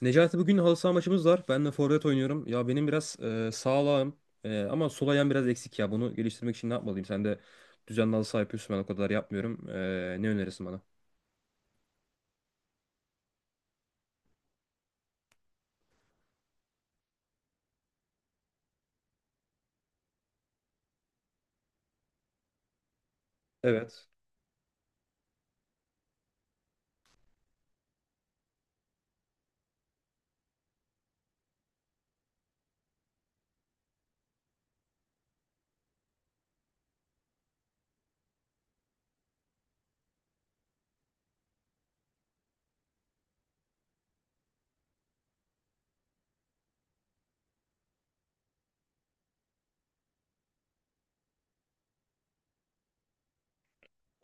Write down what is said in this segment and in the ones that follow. Necati, bugün halı saha maçımız var. Ben de forvet oynuyorum. Ya benim biraz sağlağım ama sol ayağım biraz eksik ya. Bunu geliştirmek için ne yapmalıyım? Sen de düzenli halı saha yapıyorsun. Ben o kadar yapmıyorum. Ne önerirsin bana? Evet.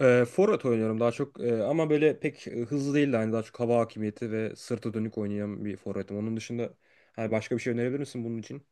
Forvet oynuyorum daha çok, ama böyle pek hızlı değil de hani daha çok hava hakimiyeti ve sırtı dönük oynayan bir forvetim. Onun dışında hani başka bir şey önerebilir misin bunun için?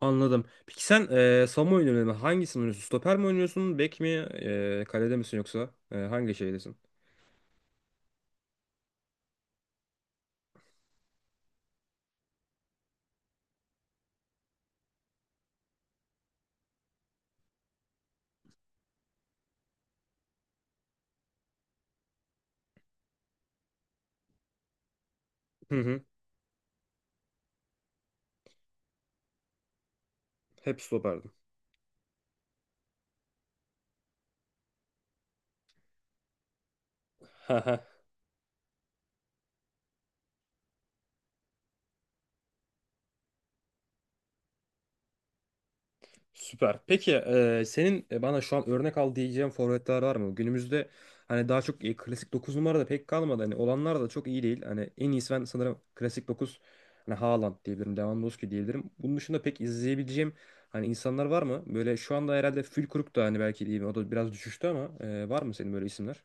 Anladım. Peki sen savunma oynuyorsun. Hangisini oynuyorsun? Stoper mi oynuyorsun? Bek mi? Kalede misin yoksa? Hangi şeydesin? Hı hı. Hep stoperdim. Süper. Peki senin bana şu an örnek al diyeceğin forvetler var mı? Günümüzde hani daha çok klasik 9 numara da pek kalmadı. Hani olanlar da çok iyi değil. Hani en iyisi ben sanırım klasik 9, hani Haaland diyebilirim, Lewandowski diyebilirim. Bunun dışında pek izleyebileceğim hani insanlar var mı? Böyle şu anda herhalde Füllkrug da hani belki diyeyim, o da biraz düşüştü ama var mı senin böyle isimler?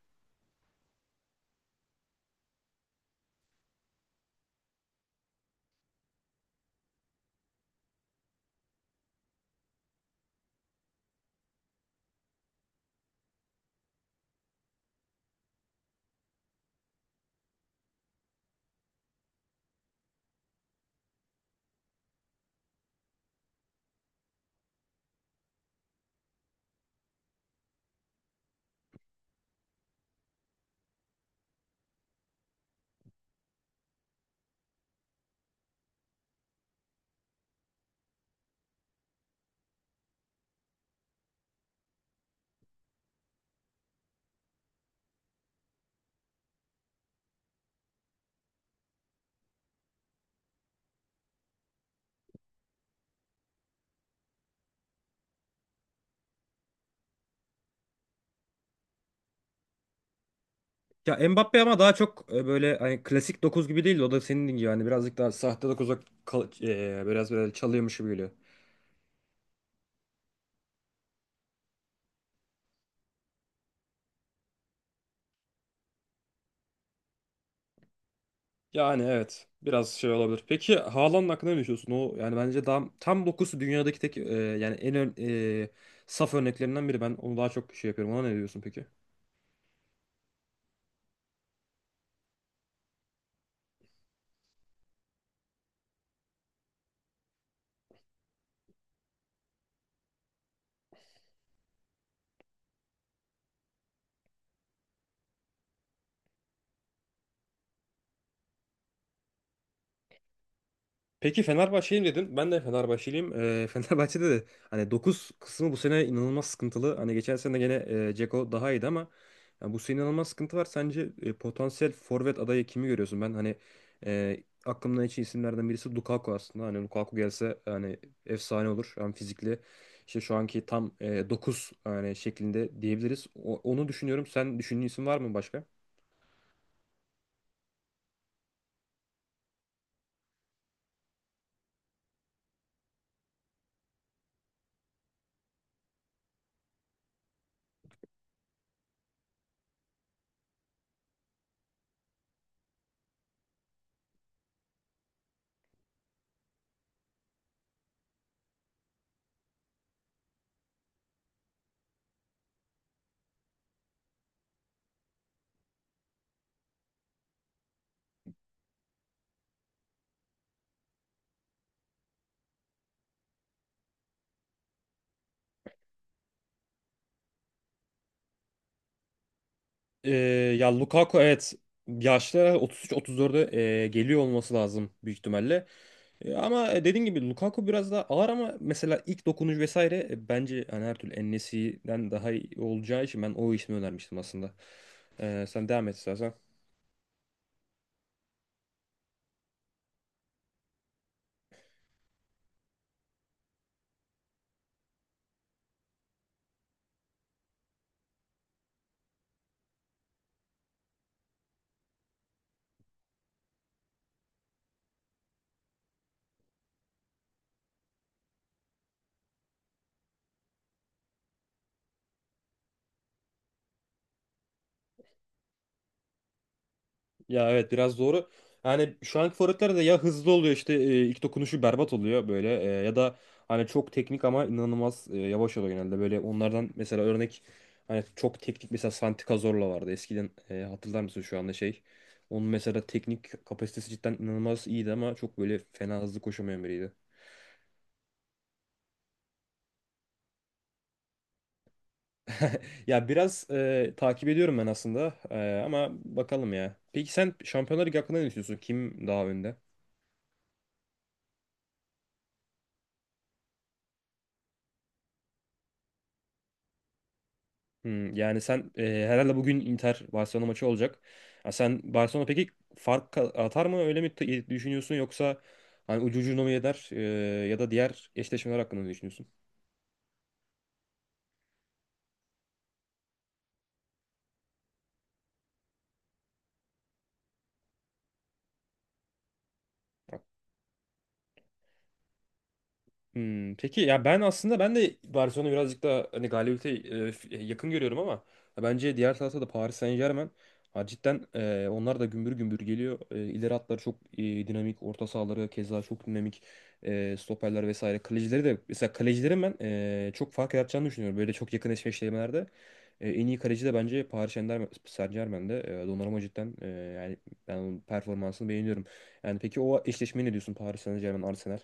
Ya Mbappe ama daha çok böyle hani klasik 9 gibi değil de o da senin gibi hani birazcık daha sahte 9'a biraz böyle çalıyormuş gibi geliyor. Yani evet. Biraz şey olabilir. Peki Haaland'ın hakkında ne düşünüyorsun? O yani bence daha tam dokusu dünyadaki tek yani en ön, e, saf örneklerinden biri. Ben onu daha çok şey yapıyorum. Ona ne diyorsun peki? Peki Fenerbahçeliyim dedin. Ben de Fenerbahçeliyim. Fenerbahçe'de de hani 9 kısmı bu sene inanılmaz sıkıntılı. Hani geçen sene gene Dzeko daha iyiydi ama yani bu sene inanılmaz sıkıntı var. Sence potansiyel forvet adayı kimi görüyorsun? Ben hani e, aklımdan geçen isimlerden birisi Lukaku aslında. Hani Lukaku gelse hani efsane olur. Hem fizikli işte şu anki tam 9 hani şeklinde diyebiliriz. Onu düşünüyorum. Sen düşündüğün isim var mı başka? Ee, Ya Lukaku, evet, yaşları 33-34'e geliyor olması lazım büyük ihtimalle. Ama dediğin gibi Lukaku biraz daha ağır ama mesela ilk dokunuş vesaire, bence hani her türlü en daha iyi olacağı için ben o ismi önermiştim aslında. Sen devam et istersen. Ya evet, biraz doğru. Yani şu anki forvetler de ya hızlı oluyor işte, ilk dokunuşu berbat oluyor böyle, ya da hani çok teknik ama inanılmaz yavaş oluyor genelde. Böyle onlardan mesela örnek hani çok teknik mesela Santi Cazorla vardı. Eskiden hatırlar mısın şu anda şey? Onun mesela teknik kapasitesi cidden inanılmaz iyiydi ama çok böyle fena hızlı koşamayan biriydi. Ya biraz takip ediyorum ben aslında, ama bakalım ya. Peki sen Şampiyonlar Ligi hakkında ne düşünüyorsun? Kim daha önde? Hmm, yani sen herhalde bugün Inter Barcelona maçı olacak. Ya sen Barcelona peki fark atar mı öyle mi düşünüyorsun, yoksa hani ucu ucuna mı eder, ya da diğer eşleşmeler hakkında ne düşünüyorsun? Hmm, peki ya ben aslında ben de Barcelona birazcık daha hani galibiyete yakın görüyorum ama ya bence diğer tarafta da Paris Saint-Germain, ha, cidden, onlar da gümbür gümbür geliyor. İleri hatları çok dinamik, orta sahaları keza çok dinamik. Stoperler vesaire. Kalecileri de, mesela kalecilerin ben çok fark yaratacağını düşünüyorum. Böyle çok yakın eşleşmelerde. En iyi kaleci de bence Paris Saint-Germain'de. Donnarumma cidden, yani ben onun performansını beğeniyorum. Yani peki o eşleşmeyi ne diyorsun Paris Saint-Germain Arsenal?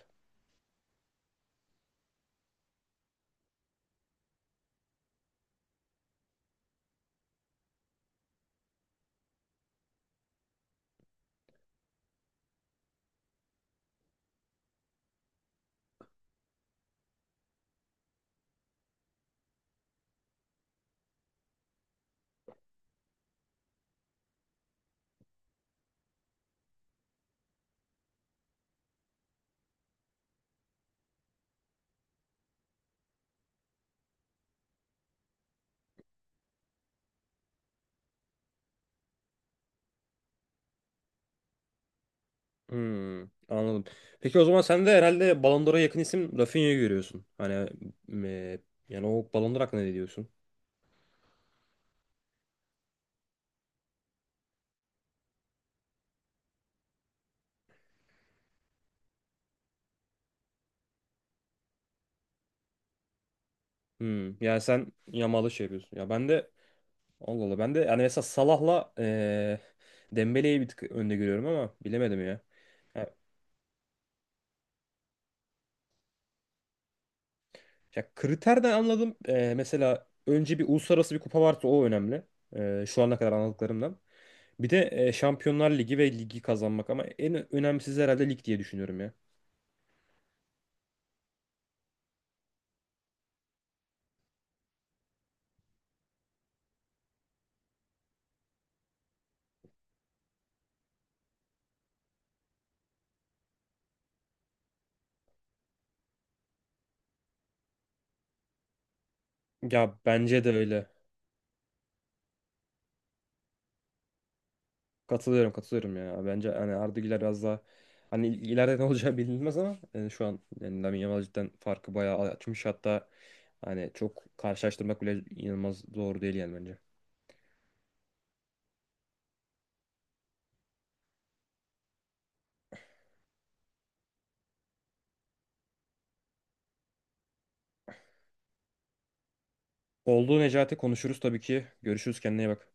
Hmm, anladım. Peki o zaman sen de herhalde Ballon d'Or'a yakın isim Rafinha'yı görüyorsun. Hani e, yani o Ballon d'Or hakkında ne diyorsun? Hmm, yani sen Yamal'ı şey yapıyorsun. Ya ben de, Allah Allah, ben de yani mesela Salah'la Dembele'yi bir tık önde görüyorum ama bilemedim ya. Ha, ya kriterden anladım. Mesela önce bir uluslararası bir kupa varsa o önemli. Şu ana kadar anladıklarımdan. Bir de Şampiyonlar Ligi ve ligi kazanmak, ama en önemlisi herhalde lig diye düşünüyorum ya. Ya bence de öyle. Katılıyorum, katılıyorum ya. Bence hani Arda Güler biraz daha hani ileride ne olacağı bilinmez ama yani şu an yani Lamine Yamal cidden farkı bayağı açmış. Hatta hani çok karşılaştırmak bile inanılmaz doğru değil yani bence. Oldu Necati, konuşuruz tabii ki. Görüşürüz, kendine iyi bak.